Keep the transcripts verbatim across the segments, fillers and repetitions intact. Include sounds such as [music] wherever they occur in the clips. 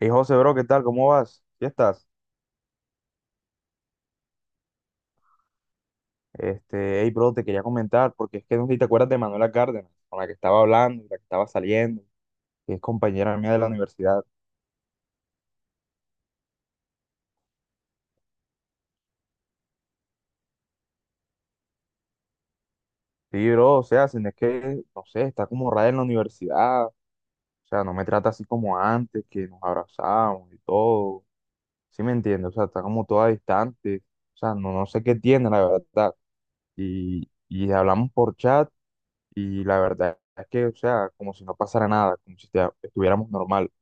Hey José, bro, ¿qué tal? ¿Cómo vas? ¿Ya estás? Este, hey, bro, te quería comentar, porque es que no sé si te acuerdas de Manuela Cárdenas, con la que estaba hablando, la que estaba saliendo, que es compañera mía de la universidad. Sí, bro, o sea, si no es que, no sé, está como rara en la universidad, o sea, no me trata así como antes, que nos abrazábamos y todo. Sí me entiendes, o sea, está como toda distante, o sea, no, no sé qué tiene, la verdad. Y, y hablamos por chat, y la verdad es que, o sea, como si no pasara nada, como si estia- estuviéramos normal.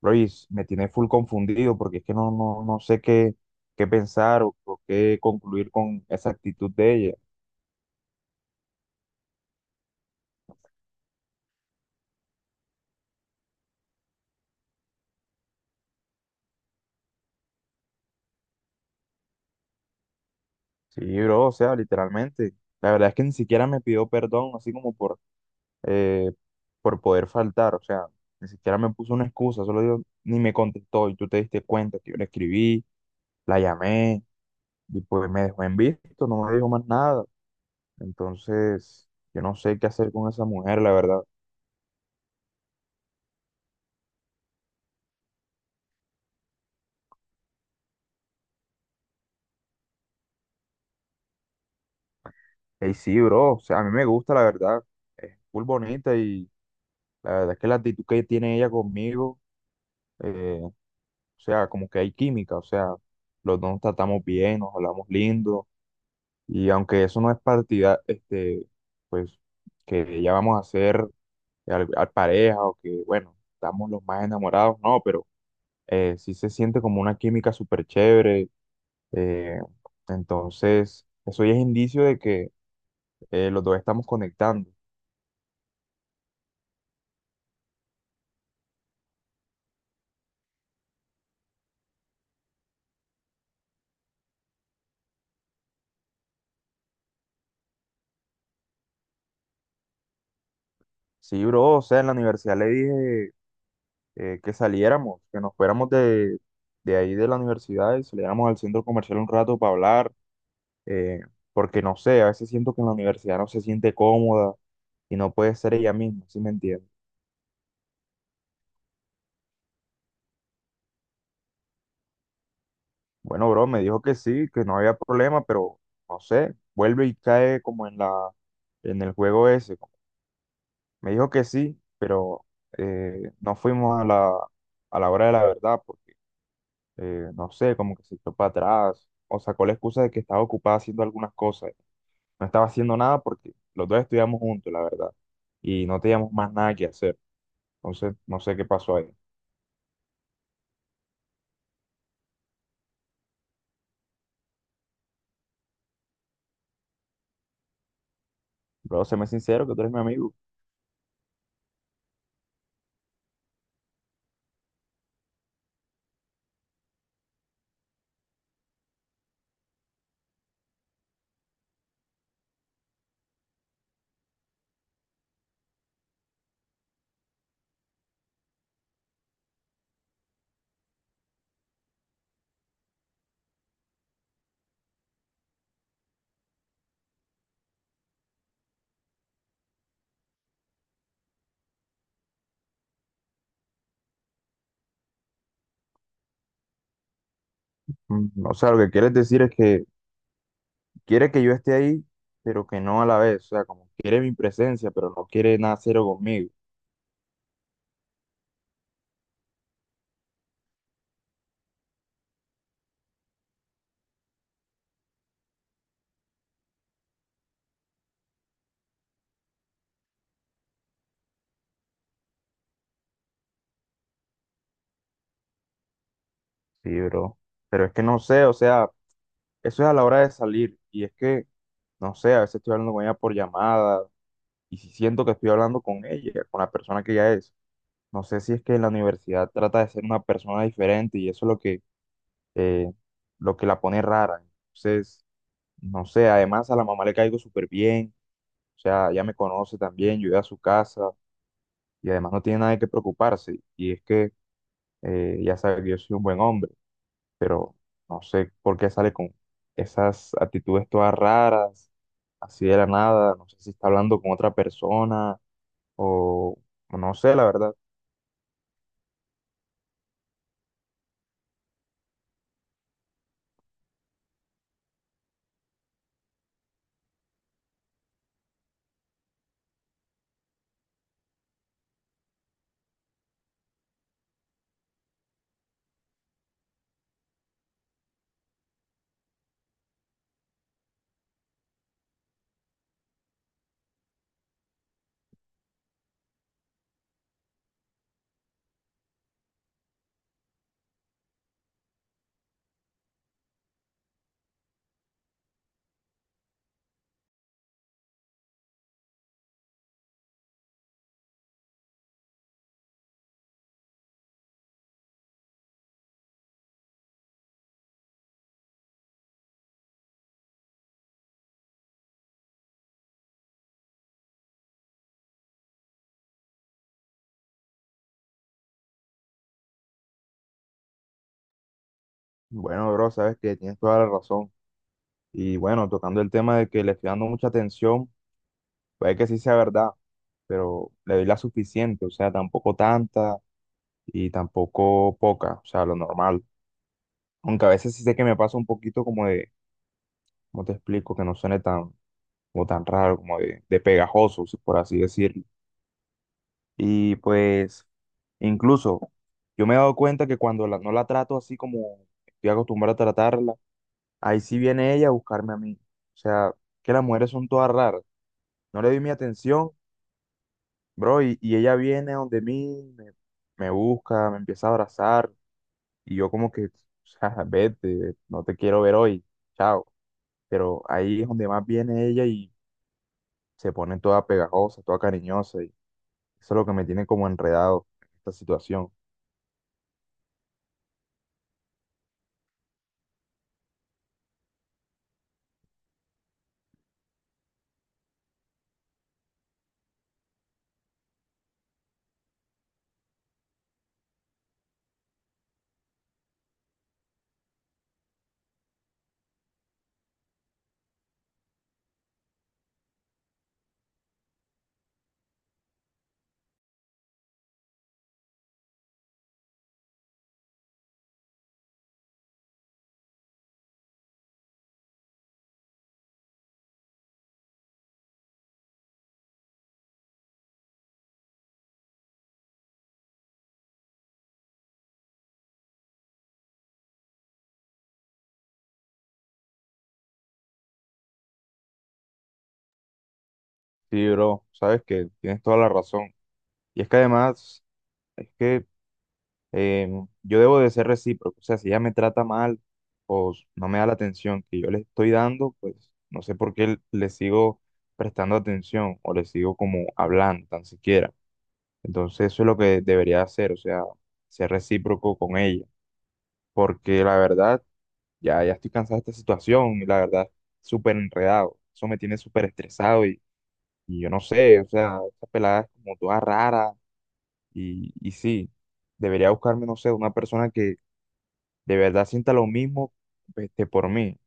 Luis, me tiene full confundido porque es que no, no, no sé qué, qué pensar o, o qué concluir con esa actitud de ella. Sí, bro, o sea, literalmente. La verdad es que ni siquiera me pidió perdón, así como por, eh, por poder faltar. O sea, ni siquiera me puso una excusa, solo digo, ni me contestó. Y tú te diste cuenta que yo le escribí, la llamé, y pues me dejó en visto, no me dijo más nada. Entonces, yo no sé qué hacer con esa mujer, la verdad. Ey, sí, bro, o sea, a mí me gusta, la verdad, es muy bonita y la verdad es que la actitud que tiene ella conmigo, eh, o sea, como que hay química, o sea, los dos nos tratamos bien, nos hablamos lindo y aunque eso no es partida, este, pues, que ya vamos a ser al, al pareja o que, bueno, estamos los más enamorados, no, pero eh, sí se siente como una química súper chévere, eh, entonces, eso ya es indicio de que eh, los dos estamos conectando. Sí, bro, o sea, en la universidad le dije eh, que saliéramos, que nos fuéramos de, de ahí de la universidad y saliéramos al centro comercial un rato para hablar, eh, porque no sé, a veces siento que en la universidad no se siente cómoda y no puede ser ella misma, ¿sí me entiendes? Bueno, bro, me dijo que sí, que no había problema, pero no sé, vuelve y cae como en la, en el juego ese. Me dijo que sí, pero eh, no fuimos a la, a la hora de la verdad. Pues, eh, no sé, como que se echó para atrás o sacó la excusa de que estaba ocupada haciendo algunas cosas. No estaba haciendo nada porque los dos estudiamos juntos, la verdad, y no teníamos más nada que hacer. Entonces, no sé qué pasó ahí. Pero séme sincero que tú eres mi amigo. Mm, o sea, lo que quieres decir es que quiere que yo esté ahí, pero que no a la vez. O sea, como quiere mi presencia, pero no quiere nada cero conmigo. Sí, bro. Pero es que no sé, o sea, eso es a la hora de salir. Y es que, no sé, a veces estoy hablando con ella por llamadas y si siento que estoy hablando con ella, con la persona que ella es. No sé si es que la universidad trata de ser una persona diferente y eso es lo que, eh, lo que la pone rara. Entonces, no sé, además a la mamá le caigo súper bien, o sea, ya me conoce también, yo voy a su casa y además no tiene nada de qué preocuparse. Y es que eh, ya sabe que yo soy un buen hombre, pero no sé por qué sale con esas actitudes todas raras, así de la nada, no sé si está hablando con otra persona o o no sé, la verdad. Bueno, bro, sabes que tienes toda la razón. Y bueno, tocando el tema de que le estoy dando mucha atención, puede que sí sea verdad, pero le doy la suficiente, o sea, tampoco tanta y tampoco poca, o sea, lo normal. Aunque a veces sí sé que me pasa un poquito como de, ¿cómo te explico? Que no suene tan, como tan raro, como de, de pegajoso, si- por así decirlo. Y pues, incluso, yo me he dado cuenta que cuando la- no la trato así como estoy acostumbrado a tratarla, ahí sí viene ella a buscarme a mí. O sea, que las mujeres son todas raras. No le doy mi atención, bro, y, y ella viene donde mí, me, me busca, me empieza a abrazar, y yo como que, o sea, [laughs] vete, no te quiero ver hoy, chao. Pero ahí es donde más viene ella y se pone toda pegajosa, toda cariñosa, y eso es lo que me tiene como enredado en esta situación. Sí, bro, sabes que tienes toda la razón. Y es que además, es que em, yo debo de ser recíproco. O sea, si ella me trata mal o s- no me da la atención que yo le estoy dando, pues no sé por qué l- le sigo prestando atención o le sigo como hablando, tan siquiera. Entonces eso es lo que debería hacer, o sea, ser recíproco con ella. Porque la verdad, ya, ya estoy cansado de esta situación y la verdad, súper enredado. Eso me tiene súper estresado y, y yo no sé, o sea, esta pelada es como toda rara y, y sí, debería buscarme, no sé, una persona de verdad sienta lo mismo este, por mí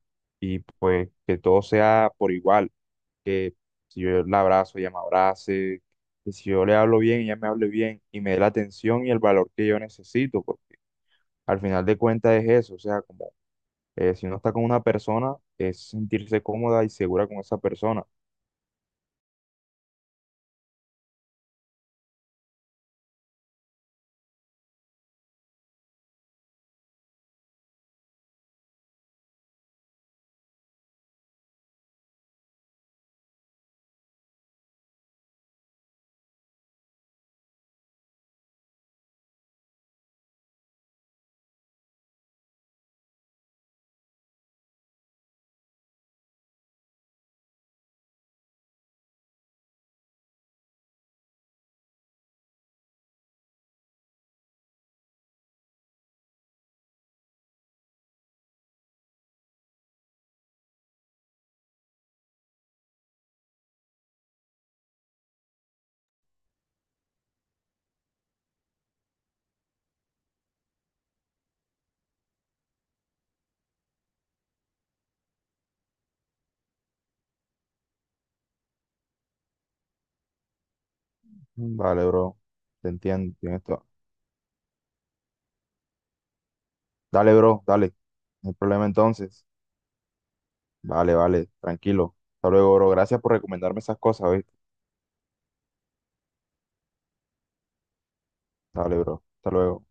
y pues que todo sea por igual, que si yo la abrazo, ella me abrace, que si yo le hablo bien, ella me hable bien y me dé la atención y el valor que yo necesito, porque al final de cuentas es eso, o sea, como eh, si uno está con una persona, es sentirse cómoda y segura con esa persona. Mm, vale, bro, te entiendo, tienes todo. Dale, bro, dale, no hay problema entonces. Vale, vale, tranquilo. Hasta luego, bro. Gracias por recomendarme esas cosas, ¿viste? Dale, bro. Hasta luego.